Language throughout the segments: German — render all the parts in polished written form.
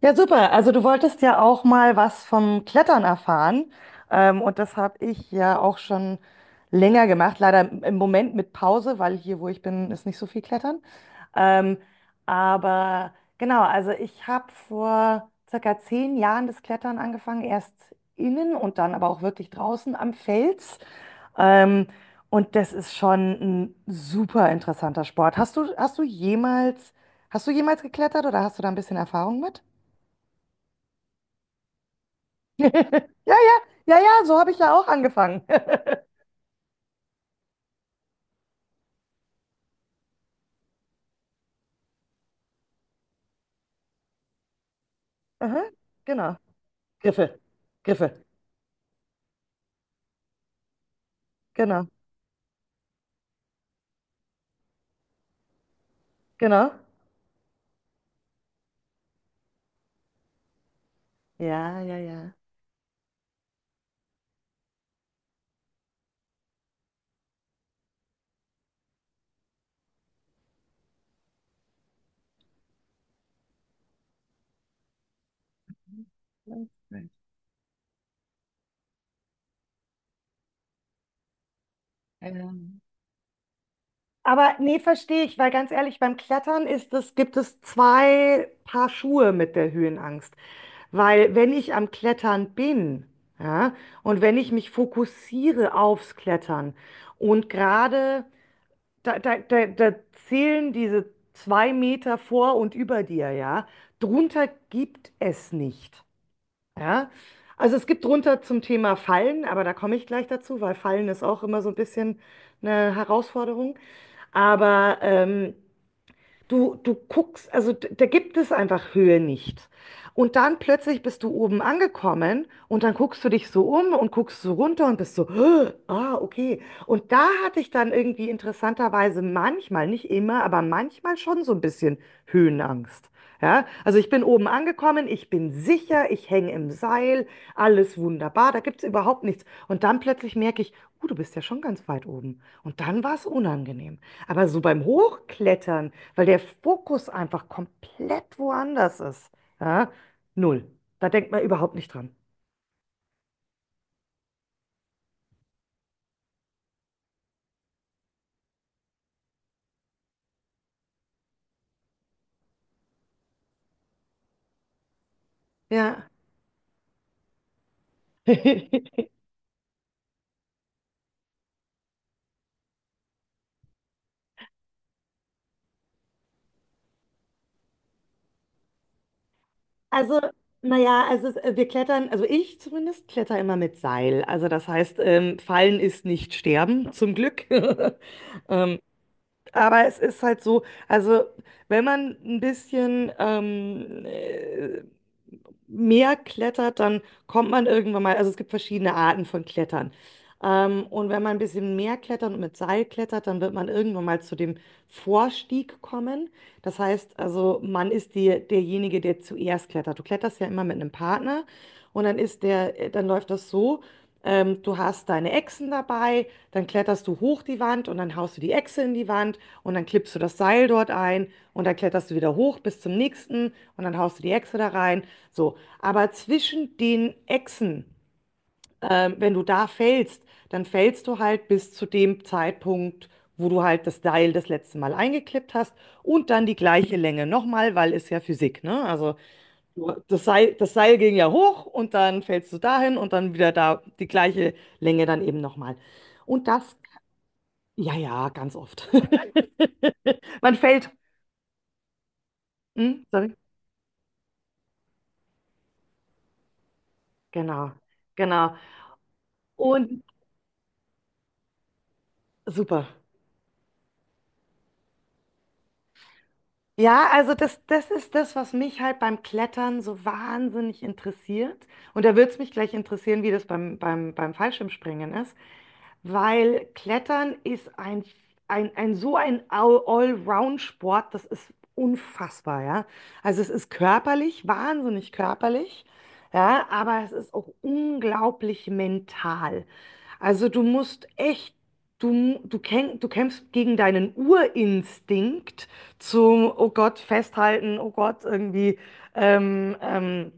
Ja, super. Also du wolltest ja auch mal was vom Klettern erfahren. Und das habe ich ja auch schon länger gemacht. Leider im Moment mit Pause, weil hier, wo ich bin, ist nicht so viel Klettern. Ähm, aber genau, also ich habe vor circa 10 Jahren das Klettern angefangen. Erst innen und dann aber auch wirklich draußen am Fels. Ähm, und das ist schon ein super interessanter Sport. Hast du jemals geklettert oder hast du da ein bisschen Erfahrung mit? Ja, ja, ja, ja, so habe ich ja auch angefangen. Aha, genau. Griffe, Griffe, genau, genau. Ja, ja, ja. Aber nee, verstehe ich, weil ganz ehrlich, beim Klettern ist es, gibt es zwei Paar Schuhe mit der Höhenangst. Weil wenn ich am Klettern bin, ja, und wenn ich mich fokussiere aufs Klettern und gerade Da, da, da, da zählen diese 2 Meter vor und über dir, ja. Drunter gibt es nicht, ja. Also es gibt drunter zum Thema Fallen, aber da komme ich gleich dazu, weil Fallen ist auch immer so ein bisschen eine Herausforderung. Aber ähm, du guckst, also da gibt es einfach Höhe nicht. Und dann plötzlich bist du oben angekommen und dann guckst du dich so um und guckst so runter und bist so, "Hö, ah, okay." Und da hatte ich dann irgendwie interessanterweise manchmal, nicht immer, aber manchmal schon so ein bisschen Höhenangst. Ja, also ich bin oben angekommen, ich bin sicher, ich hänge im Seil, alles wunderbar, da gibt es überhaupt nichts. Und dann plötzlich merke ich, du bist ja schon ganz weit oben. Und dann war es unangenehm. Aber so beim Hochklettern, weil der Fokus einfach komplett woanders ist. Ja? Null. Da denkt man überhaupt nicht dran. Ja. Also, naja, also wir klettern, also ich zumindest kletter immer mit Seil. Also das heißt, fallen ist nicht sterben, zum Glück. Ähm, aber es ist halt so, also wenn man ein bisschen mehr klettert, dann kommt man irgendwann mal, also es gibt verschiedene Arten von Klettern. Und wenn man ein bisschen mehr klettert und mit Seil klettert, dann wird man irgendwann mal zu dem Vorstieg kommen. Das heißt, also man ist die, derjenige, der zuerst klettert. Du kletterst ja immer mit einem Partner und dann ist dann läuft das so. Du hast deine Echsen dabei, dann kletterst du hoch die Wand und dann haust du die Echse in die Wand und dann klippst du das Seil dort ein und dann kletterst du wieder hoch bis zum nächsten und dann haust du die Echse da rein. So, aber zwischen den Echsen, wenn du da fällst, dann fällst du halt bis zu dem Zeitpunkt, wo du halt das Seil das letzte Mal eingeklippt hast und dann die gleiche Länge nochmal, weil ist ja Physik, ne? Also das Seil ging ja hoch und dann fällst du dahin und dann wieder da die gleiche Länge dann eben nochmal. Und das, ja, ja, ganz oft. Man fällt. Hm? Sorry. Genau, genau. Und super. Ja, also das, das ist das, was mich halt beim Klettern so wahnsinnig interessiert. Und da würde es mich gleich interessieren, wie das beim Fallschirmspringen ist, weil Klettern ist ein so ein Allround-Sport, das ist unfassbar, ja. Also es ist körperlich, wahnsinnig körperlich, ja, aber es ist auch unglaublich mental. Also du musst echt, du kämpfst gegen deinen Urinstinkt zum, oh Gott, festhalten, oh Gott, irgendwie, ähm, ähm,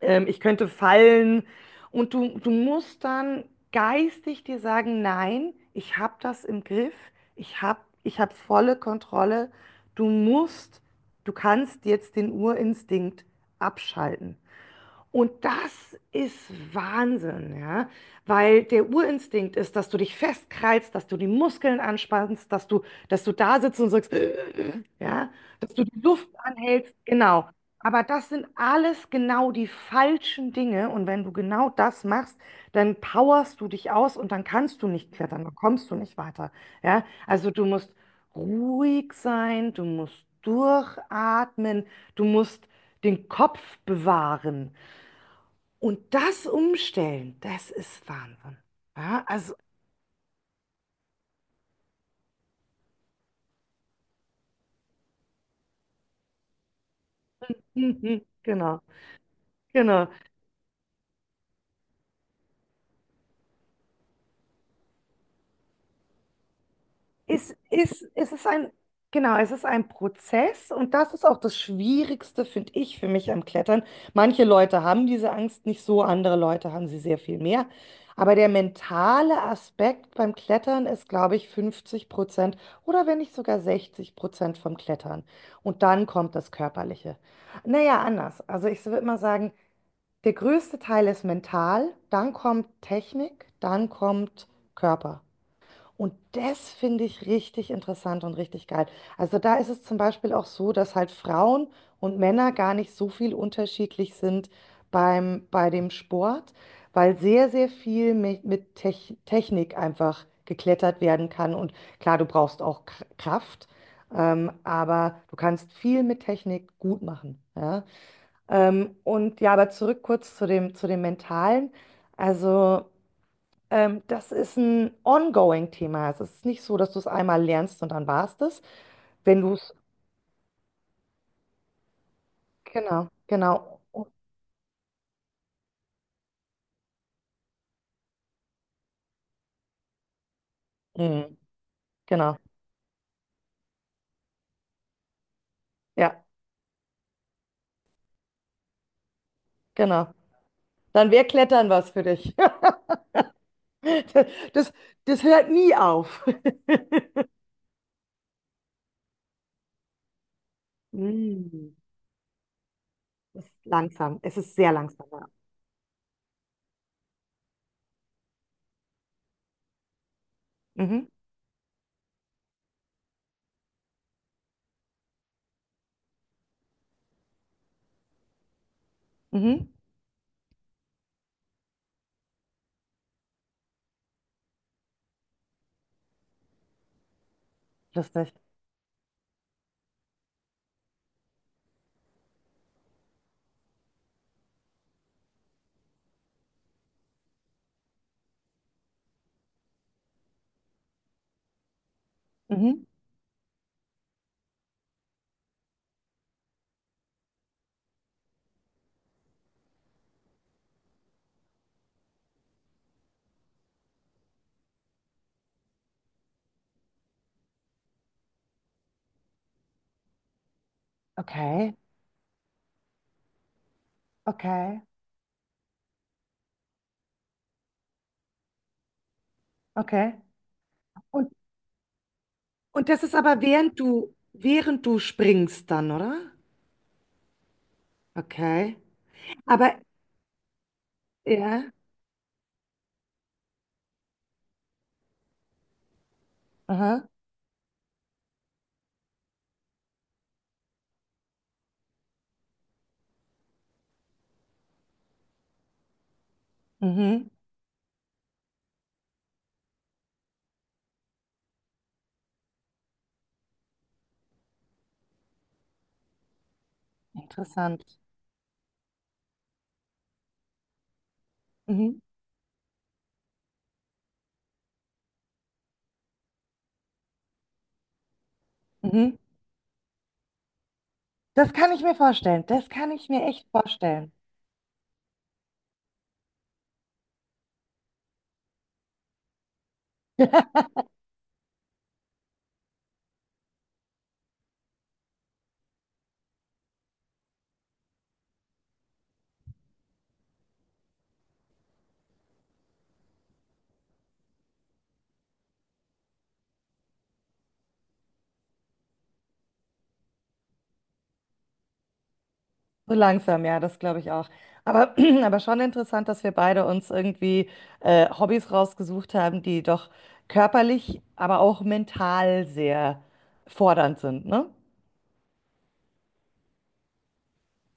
ich könnte fallen, und du musst dann geistig dir sagen, nein, ich habe das im Griff, ich hab volle Kontrolle. Du musst, du kannst jetzt den Urinstinkt abschalten. Und das ist Wahnsinn, ja, weil der Urinstinkt ist, dass du dich festkreist, dass du die Muskeln anspannst, dass du da sitzt und sagst, ja, dass du die Luft anhältst, genau. Aber das sind alles genau die falschen Dinge und wenn du genau das machst, dann powerst du dich aus und dann kannst du nicht klettern, dann kommst du nicht weiter, ja. Also du musst ruhig sein, du musst durchatmen, du musst den Kopf bewahren. Und das umstellen, das ist Wahnsinn. Ja, also, mhm, genau, genau. Es, ist, es ist ein, genau, es ist ein Prozess und das ist auch das Schwierigste, finde ich, für mich am Klettern. Manche Leute haben diese Angst nicht so, andere Leute haben sie sehr viel mehr. Aber der mentale Aspekt beim Klettern ist, glaube ich, 50% oder wenn nicht sogar 60% vom Klettern. Und dann kommt das Körperliche. Naja, anders. Also ich würde mal sagen, der größte Teil ist mental, dann kommt Technik, dann kommt Körper. Und das finde ich richtig interessant und richtig geil. Also da ist es zum Beispiel auch so, dass halt Frauen und Männer gar nicht so viel unterschiedlich sind bei dem Sport, weil sehr, sehr viel mit Technik einfach geklettert werden kann. Und klar, du brauchst auch Kraft, aber du kannst viel mit Technik gut machen. Ja? Und ja, aber zurück kurz zu zu dem Mentalen. Also, das ist ein ongoing-Thema. Also, es ist nicht so, dass du es einmal lernst und dann war's das. Wenn du es, genau, genau, mhm, genau, ja, genau. Dann wäre Klettern was für dich. Das, das hört nie auf. Mm, das ist langsam. Es ist sehr langsam. Ja. Mhm, mhm. Lustig. Mhm. Okay, okay, okay. Und das ist aber während du springst dann, oder? Okay. Aber ja. Aha. Mhm. Interessant. Mhm. Mhm. Das kann ich mir vorstellen. Das kann ich mir echt vorstellen. So langsam, ja, das glaube ich auch. Aber, aber schon interessant, dass wir beide uns irgendwie Hobbys rausgesucht haben, die doch körperlich, aber auch mental sehr fordernd sind, ne?